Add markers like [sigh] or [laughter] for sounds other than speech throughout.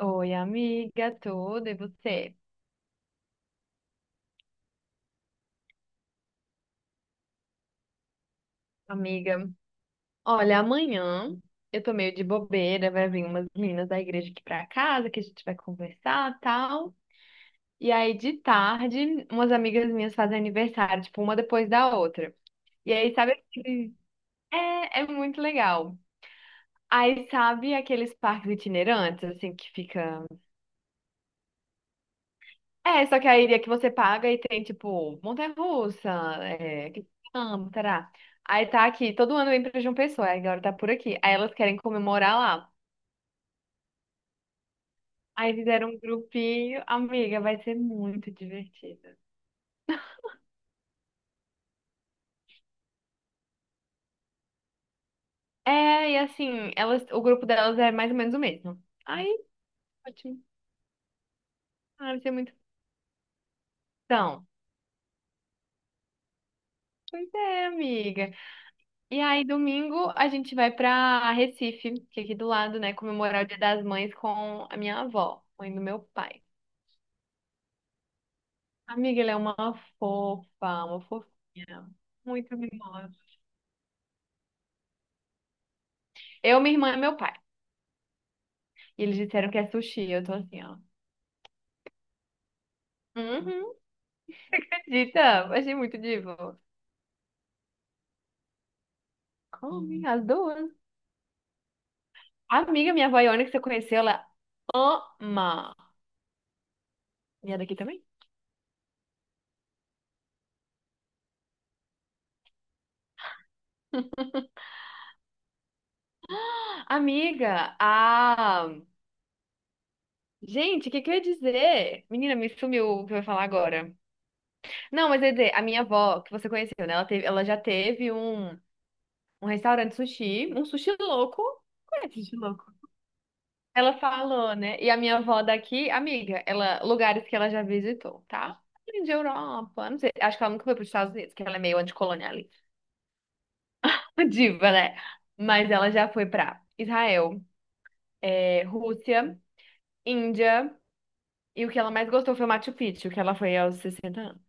Oi, amiga, tudo e você? Amiga, olha, amanhã eu tô meio de bobeira, vai vir umas meninas da igreja aqui pra casa que a gente vai conversar, tal. E aí de tarde, umas amigas minhas fazem aniversário, tipo, uma depois da outra. E aí, sabe, aquele- é muito legal. Aí, sabe aqueles parques itinerantes, assim, que fica. É, só que a ilha que você paga e tem, tipo, montanha-russa, é, que amo, tará. Aí tá aqui, todo ano vem pra João Pessoa, aí agora tá por aqui. Aí elas querem comemorar lá. Aí fizeram um grupinho, amiga, vai ser muito divertido. É, e assim, elas, o grupo delas é mais ou menos o mesmo. Aí, ótimo. Ah, vai ser muito bom. Pois é, amiga. E aí, domingo, a gente vai pra Recife, que é aqui do lado, né, comemorar o Dia das Mães com a minha avó, mãe do meu pai. Amiga, ela é uma fofa, uma fofinha. Muito mimosa. Eu, minha irmã e meu pai. E eles disseram que é sushi. Eu tô assim, ó. Uhum, acredita? Achei muito divo. Come as duas. Amiga, minha vaiana que você conheceu, ela ama. E é daqui também? Amiga, a. Gente, o que que eu ia dizer? Menina, me sumiu o que eu ia falar agora. Não, mas eu ia dizer, a minha avó, que você conheceu, né? Ela teve, ela já teve um, um restaurante sushi, um sushi louco. Conhece sushi louco? Ela falou, né? E a minha avó daqui, amiga, ela, lugares que ela já visitou, tá? Além de Europa, não sei, acho que ela nunca foi para os Estados Unidos, que ela é meio anticolonialista, [laughs] uma diva, né? Mas ela já foi para Israel, é, Rússia, Índia, e o que ela mais gostou foi o Machu Picchu, que ela foi aos 60 anos.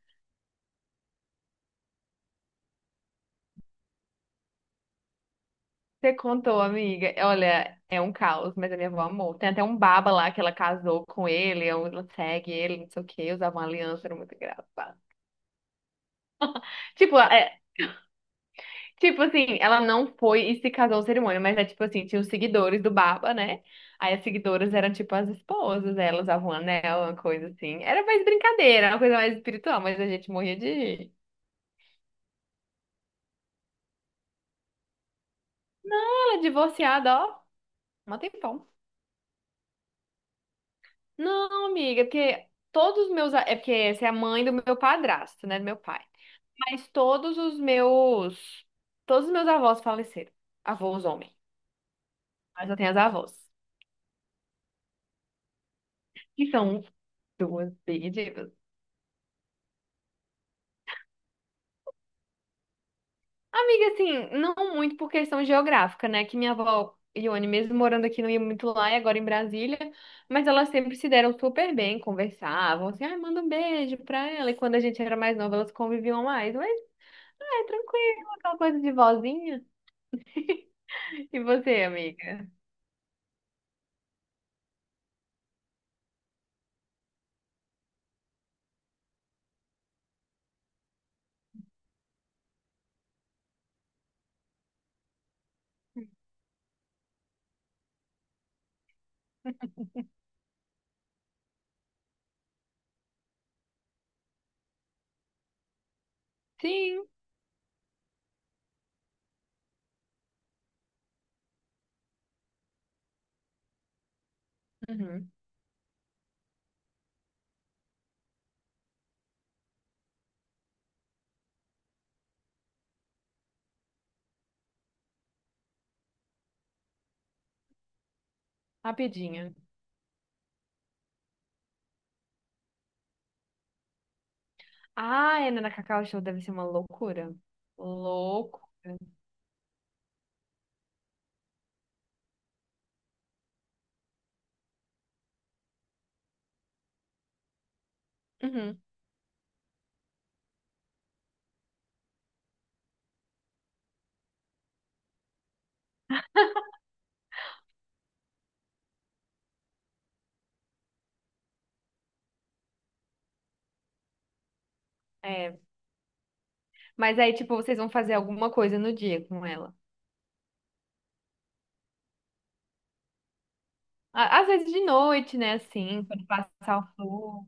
Você contou, amiga? Olha, é um caos, mas a minha avó amou. Tem até um baba lá que ela casou com ele, ela segue ele, não sei o quê, usava uma aliança, era muito engraçado. Tipo, é, tipo assim, ela não foi e se casou ao cerimônia, mas é tipo assim, tinha os seguidores do Baba, né? Aí as seguidoras eram tipo as esposas, elas usavam um anel, uma coisa assim. Era mais brincadeira, uma coisa mais espiritual, mas a gente morria de rir. Ela divorciada, ó, mó tempão. Não, amiga, porque todos os meus a- é porque essa é a mãe do meu padrasto, né? Do meu pai. Mas todos os meus. Todos os meus avós faleceram. Avós homem. Mas eu tenho as avós. Que são duas big divas. Amiga, assim, não muito por questão geográfica, né? Que minha avó, Ione, mesmo morando aqui, não ia muito lá e agora em Brasília, mas elas sempre se deram super bem, conversavam, assim, ai, manda um beijo pra ela. E quando a gente era mais nova, elas conviviam mais, mas, ai, tranquilo, aquela coisa de vozinha. E você, amiga? Sim, uhum. Rapidinha. Ah, é, na Cacau Show deve ser uma loucura. Loucura. Uhum. É. Mas aí, tipo, vocês vão fazer alguma coisa no dia com ela. Á- Às vezes de noite, né? Assim, quando passar o flu.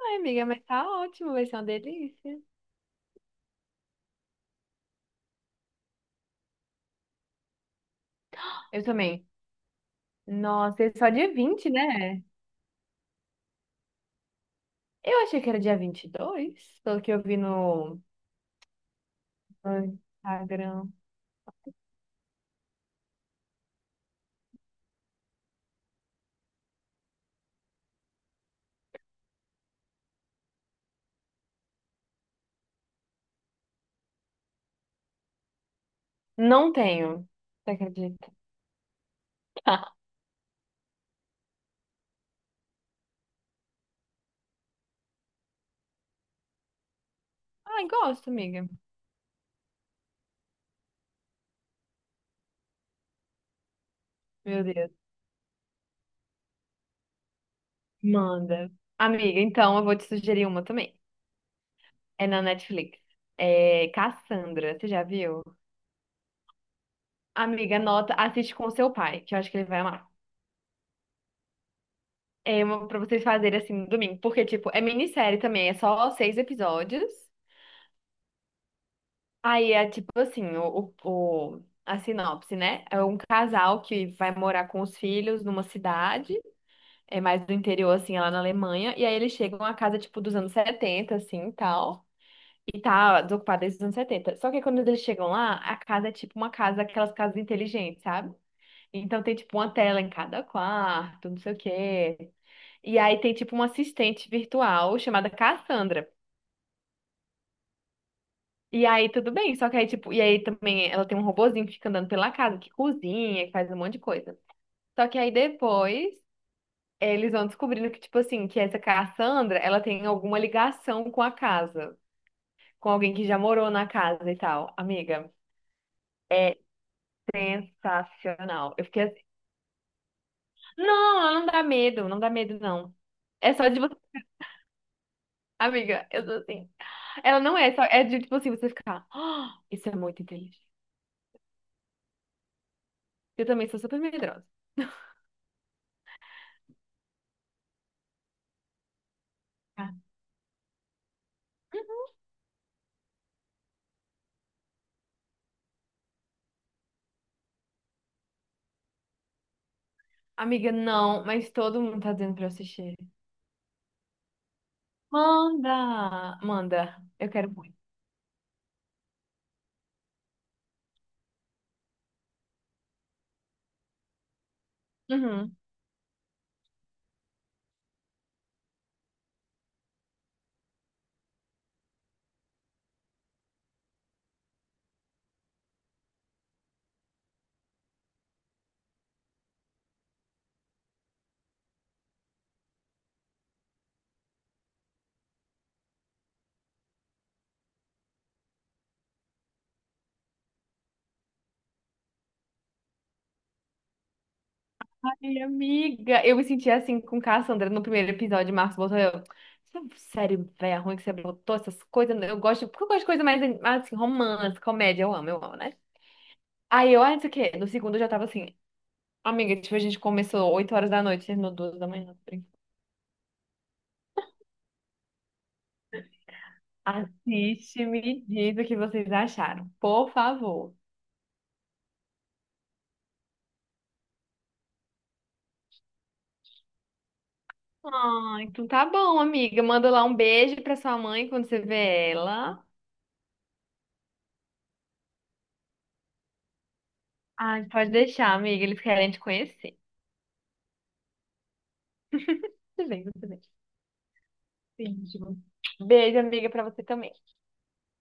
Ai, amiga, mas tá ótimo, vai ser uma delícia. Eu também. Nossa, é só dia 20, né? Eu achei que era dia 22, pelo que eu vi no, no Instagram. Não tenho, você acredita? [laughs] Ai, gosto, amiga. Meu Deus. Manda. Amiga, então eu vou te sugerir uma também. É na Netflix. É Cassandra, você já viu? Amiga, anota, assiste com o seu pai, que eu acho que ele vai amar. É uma pra vocês fazerem assim no domingo. Porque, tipo, é minissérie também, é só 6 episódios. Aí é tipo assim, a sinopse, né? É um casal que vai morar com os filhos numa cidade, é mais do interior, assim, lá na Alemanha. E aí eles chegam a casa, tipo, dos anos 70 assim, e tal. E tá desocupada desde os anos setenta. Só que quando eles chegam lá, a casa é tipo uma casa, aquelas casas inteligentes, sabe? Então tem, tipo, uma tela em cada quarto, não sei o quê. E aí tem tipo uma assistente virtual chamada Cassandra. E aí tudo bem, só que aí tipo, e aí também ela tem um robozinho que fica andando pela casa, que cozinha, que faz um monte de coisa. Só que aí depois eles vão descobrindo que tipo assim, que essa Cassandra, ela tem alguma ligação com a casa, com alguém que já morou na casa e tal. Amiga, é sensacional. Eu fiquei assim, não, ela não dá medo, não dá medo não. É só de você, amiga, eu tô assim. Ela não é só, é de tipo assim, você ficar, "Ah, isso é muito inteligente." Eu também sou super medrosa. Ah. Amiga, não, mas todo mundo tá dizendo pra eu assistir. Manda! Manda. Eu quero muito. Uhum. Ai, amiga, eu me senti assim com Cassandra no primeiro episódio. Marcos botou eu. Sério, velho, ruim que você botou essas coisas. Eu gosto, porque eu gosto de coisa mais assim, romance, comédia. Eu amo, né? Aí eu, ah, isso aqui. No segundo eu já tava assim, amiga, tipo, a gente começou 8 horas da noite, terminou 2 da manhã. Assiste, e me diz o que vocês acharam, por favor. Ah, então tá bom, amiga. Manda lá um beijo pra sua mãe quando você vê ela. Ah, pode deixar, amiga. Eles querem te conhecer. Tudo bem, tudo bem. Beijo. Beijo, amiga, pra você também.